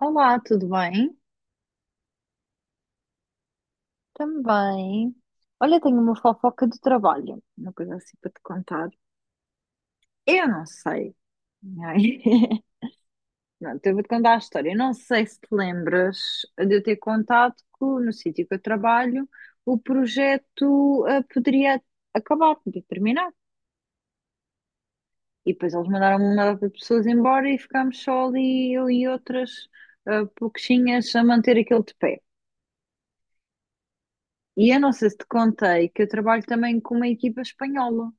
Olá, tudo bem? Também. Olha, tenho uma fofoca do trabalho, uma coisa assim para te contar. Eu não sei. Ai. Não, então eu vou-te contar a história. Eu não sei se te lembras de eu ter contado que no sítio que eu trabalho o projeto poderia acabar, podia terminar. E depois eles mandaram uma data de pessoas embora e ficámos só ali, eu e outras pouquinhas a manter aquilo de pé. E eu não sei se te contei que eu trabalho também com uma equipa espanhola.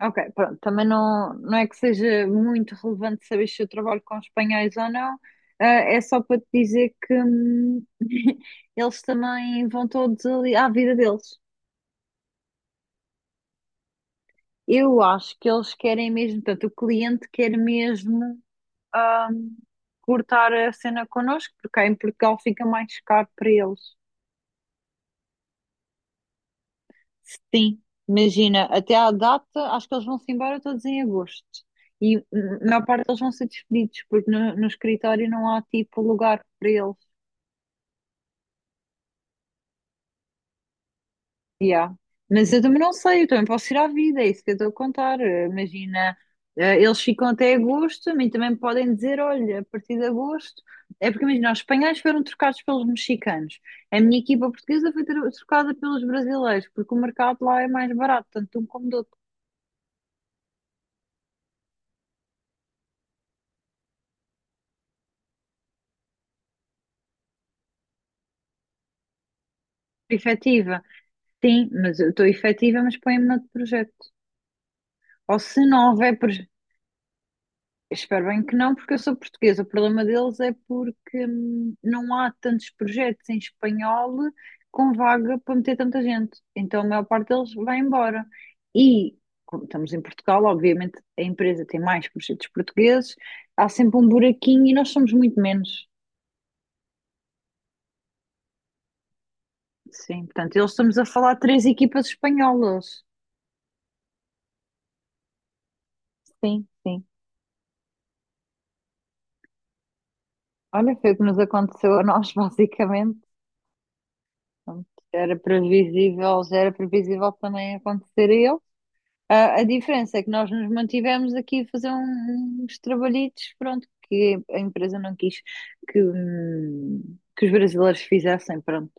Ok, pronto, também não é que seja muito relevante saber se eu trabalho com espanhóis ou não, é só para te dizer que eles também vão todos ali à vida deles. Eu acho que eles querem mesmo, portanto, o cliente quer mesmo, hum, cortar a cena connosco, porque cá em Portugal fica mais caro para eles. Sim, imagina, até à data, acho que eles vão-se embora todos em agosto. E hum, a maior parte eles vão ser despedidos, porque no escritório não há tipo lugar para eles. Yeah. Mas eu também não sei, eu também posso ir à vida, é isso que eu estou a contar. Imagina, eles ficam até agosto, a mim também podem dizer, olha, a partir de agosto. É porque imagina, os espanhóis foram trocados pelos mexicanos. A minha equipa portuguesa foi trocada pelos brasileiros, porque o mercado lá é mais barato, tanto de um como do outro. Efetiva. Sim, mas eu estou efetiva, mas põe-me noutro projeto. Ou se não houver projeto. Espero bem que não, porque eu sou portuguesa. O problema deles é porque, não há tantos projetos em espanhol com vaga para meter tanta gente. Então a maior parte deles vai embora. E, como estamos em Portugal, obviamente a empresa tem mais projetos portugueses, há sempre um buraquinho e nós somos muito menos. Sim, portanto, eles estamos a falar três equipas espanholas. Sim, sim. Olha, foi o que nos aconteceu a nós, basicamente. Pronto, era previsível, já era previsível que também acontecer a ele. Ah, a diferença é que nós nos mantivemos aqui a fazer uns trabalhitos, pronto, que a empresa não quis que os brasileiros fizessem, pronto.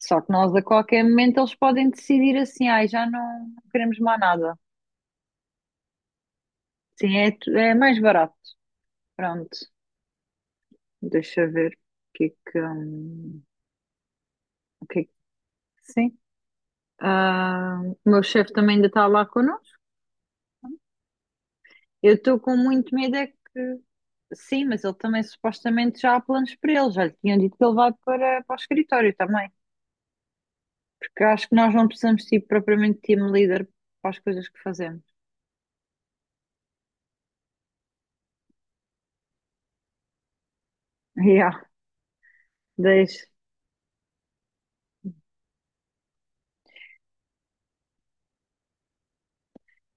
Só que nós, a qualquer momento, eles podem decidir assim, ai, já não queremos mais nada. Sim, é, é mais barato. Pronto, deixa eu ver o que é que, o que é que, sim. Ah, o meu chefe também ainda está lá connosco. Eu estou com muito medo é que, sim, mas ele também supostamente já há planos para ele, já lhe tinham dito que ele vai para o escritório também. Porque acho que nós não precisamos ser propriamente team leader para as coisas que fazemos. Yeah, deixa.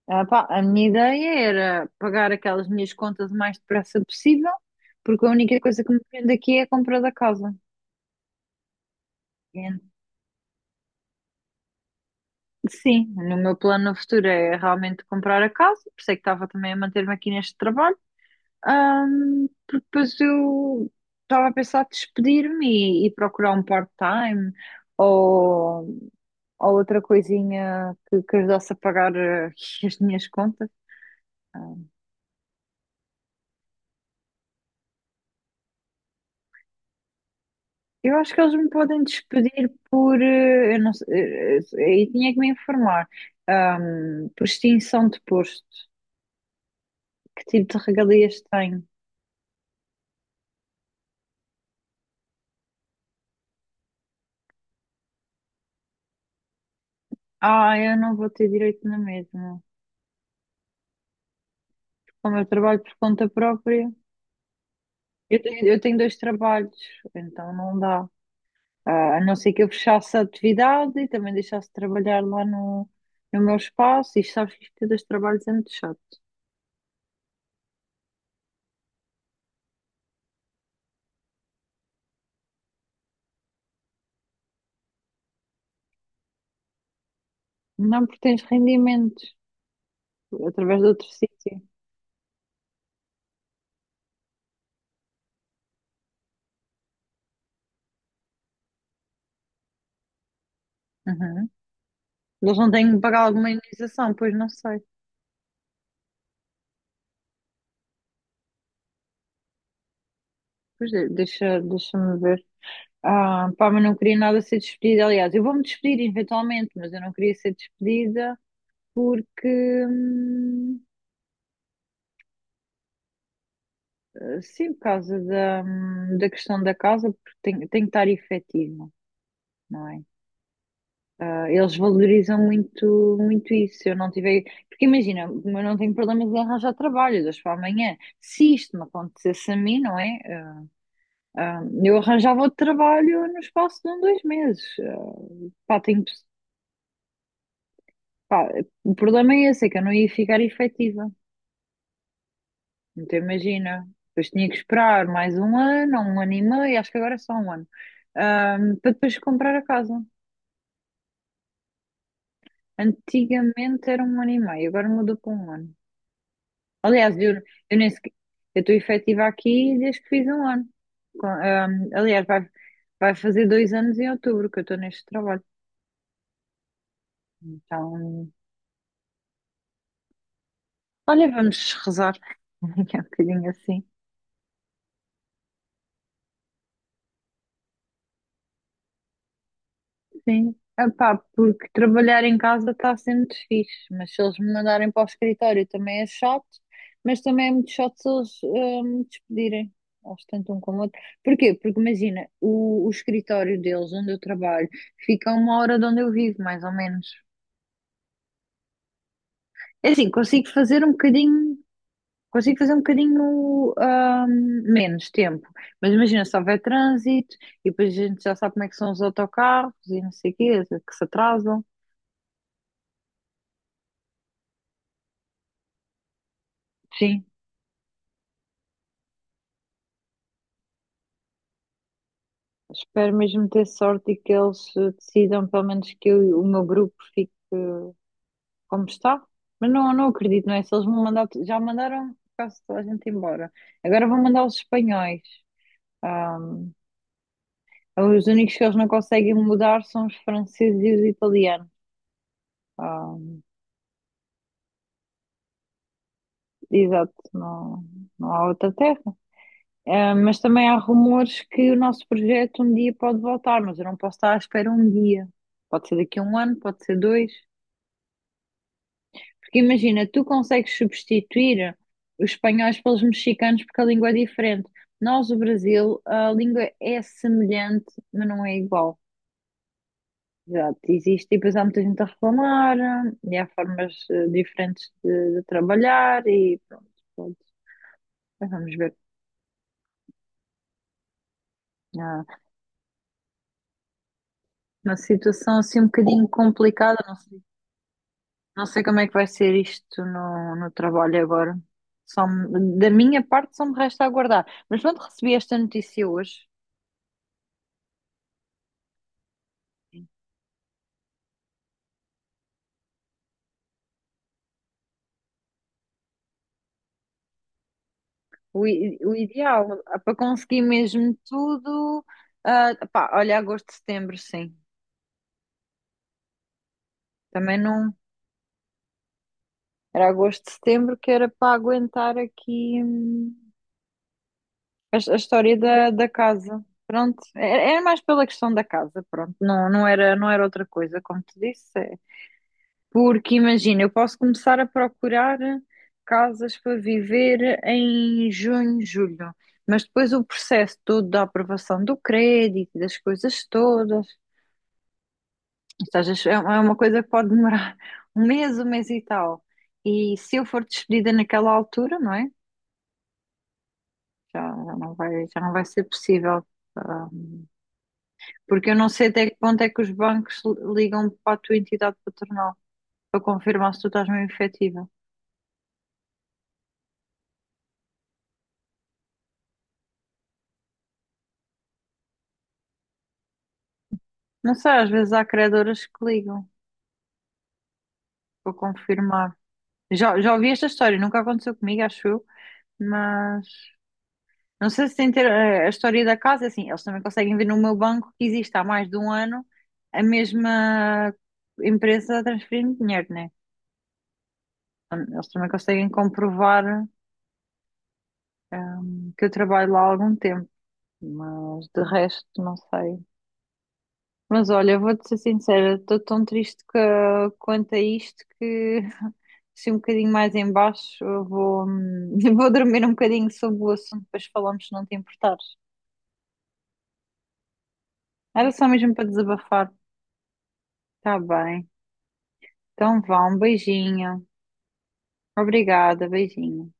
Ah, pá, a minha ideia era pagar aquelas minhas contas o mais depressa possível, porque a única coisa que me prende aqui é a compra da casa. E, sim, no meu plano no futuro é realmente comprar a casa, por isso é que estava também a manter-me aqui neste trabalho. Porque depois eu estava a pensar despedir-me e procurar um part-time ou, ou outra coisinha que ajudasse a pagar, as minhas contas. Ah, eu acho que eles me podem despedir por, eu não sei, aí tinha que me informar, por extinção de posto. Que tipo de regalias tenho? Ah, eu não vou ter direito na mesma. Como eu trabalho por conta própria, eu tenho dois trabalhos, então não dá. Ah, a não ser que eu fechasse a atividade e também deixasse de trabalhar lá no, no meu espaço. E sabes que isto dos trabalhos é muito chato. Não, porque tens rendimentos através de outro sítio. Uhum. Eles não têm que pagar alguma indenização, pois não sei. Pois deixa, deixa-me ver. Ah, pá, mas não queria nada ser despedida. Aliás, eu vou-me despedir eventualmente, mas eu não queria ser despedida porque, hum, sim, por causa da, da questão da casa, porque tenho, tenho que estar efetiva, não é? Ah, eles valorizam muito, muito isso. Se eu não tiver. Porque imagina, eu não tenho problemas em arranjar trabalho de hoje para amanhã. Se isto me acontecesse a mim, não é? Eu arranjava outro trabalho no espaço de um, dois meses. Ah, pá, tenho... Pá, o problema é esse, é que eu não ia ficar efetiva. Então imagina. Depois tinha que esperar mais um ano, ou um ano e meio, acho que agora é só um ano, ah, para depois comprar a casa. Antigamente era um ano e meio, agora mudou para um ano. Aliás, eu, eu nem sequer, eu estou efetiva aqui desde que fiz um ano. Aliás, vai fazer dois anos em outubro que eu estou neste trabalho. Então, olha, vamos rezar. Que é um bocadinho assim. Sim. Epá, porque trabalhar em casa está sendo fixe, mas se eles me mandarem para o escritório também é chato, mas também é muito chato se eles, me despedirem. Eles tentam um com o outro. Porquê? Porque imagina, o escritório deles, onde eu trabalho, fica a uma hora de onde eu vivo, mais ou menos. É assim, consigo fazer um bocadinho, consigo fazer um bocadinho ahm, menos tempo. Mas imagina, se houver trânsito e depois a gente já sabe como é que são os autocarros e não sei o quê, que se atrasam. Sim, espero mesmo ter sorte e que eles, decidam, pelo menos o meu grupo fique, como está. Mas não, não acredito, não é? Se eles vão mandar, já mandaram quase toda a gente embora. Agora vão mandar os espanhóis. Ahm, os únicos que eles não conseguem mudar são os franceses e os italianos. Exato, não, não há outra terra. Mas também há rumores que o nosso projeto um dia pode voltar, mas eu não posso estar à espera um dia. Pode ser daqui a um ano, pode ser dois. Porque imagina, tu consegues substituir os espanhóis pelos mexicanos porque a língua é diferente. Nós, o Brasil, a língua é semelhante, mas não é igual. Exato, existe e depois há muita gente a reclamar, e há formas, diferentes de trabalhar e pronto, pronto. Mas vamos ver. Ah, uma situação assim um bocadinho complicada, não sei, não sei como é que vai ser isto no trabalho agora. Da minha parte só me resta aguardar. Mas quando recebi esta notícia hoje, o ideal, para conseguir mesmo tudo, ah, pá, olha, agosto, setembro, sim. Também não era agosto, setembro que era para aguentar aqui, a história da, da casa. Pronto, era era mais pela questão da casa, pronto, não, não era, não era outra coisa, como te disse, é, porque imagina, eu posso começar a procurar casas para viver em junho, julho, mas depois o processo todo da aprovação do crédito, das coisas todas, isto às vezes é é uma coisa que pode demorar um mês e tal. E se eu for despedida naquela altura, não é? Já, já não vai ser possível. ah, Porque eu não sei até que ponto é que os bancos ligam para a tua entidade patronal para confirmar se tu estás mesmo efetiva. Não sei, às vezes há credoras que ligam. Vou confirmar. Já, já ouvi esta história, nunca aconteceu comigo, acho eu, mas não sei se tem ter, a história da casa, é assim, eles também conseguem ver no meu banco que existe há mais de um ano a mesma empresa a transferir dinheiro, né? Então, eles também conseguem comprovar, que eu trabalho lá há algum tempo, mas de resto não sei. Mas olha, vou-te ser sincera, estou tão triste que quanto a isto que se um bocadinho mais em baixo eu vou, vou dormir um bocadinho sobre o assunto, depois falamos se não te importares. Era só mesmo para desabafar. Tá bem. Então vá, um beijinho. Obrigada, beijinho.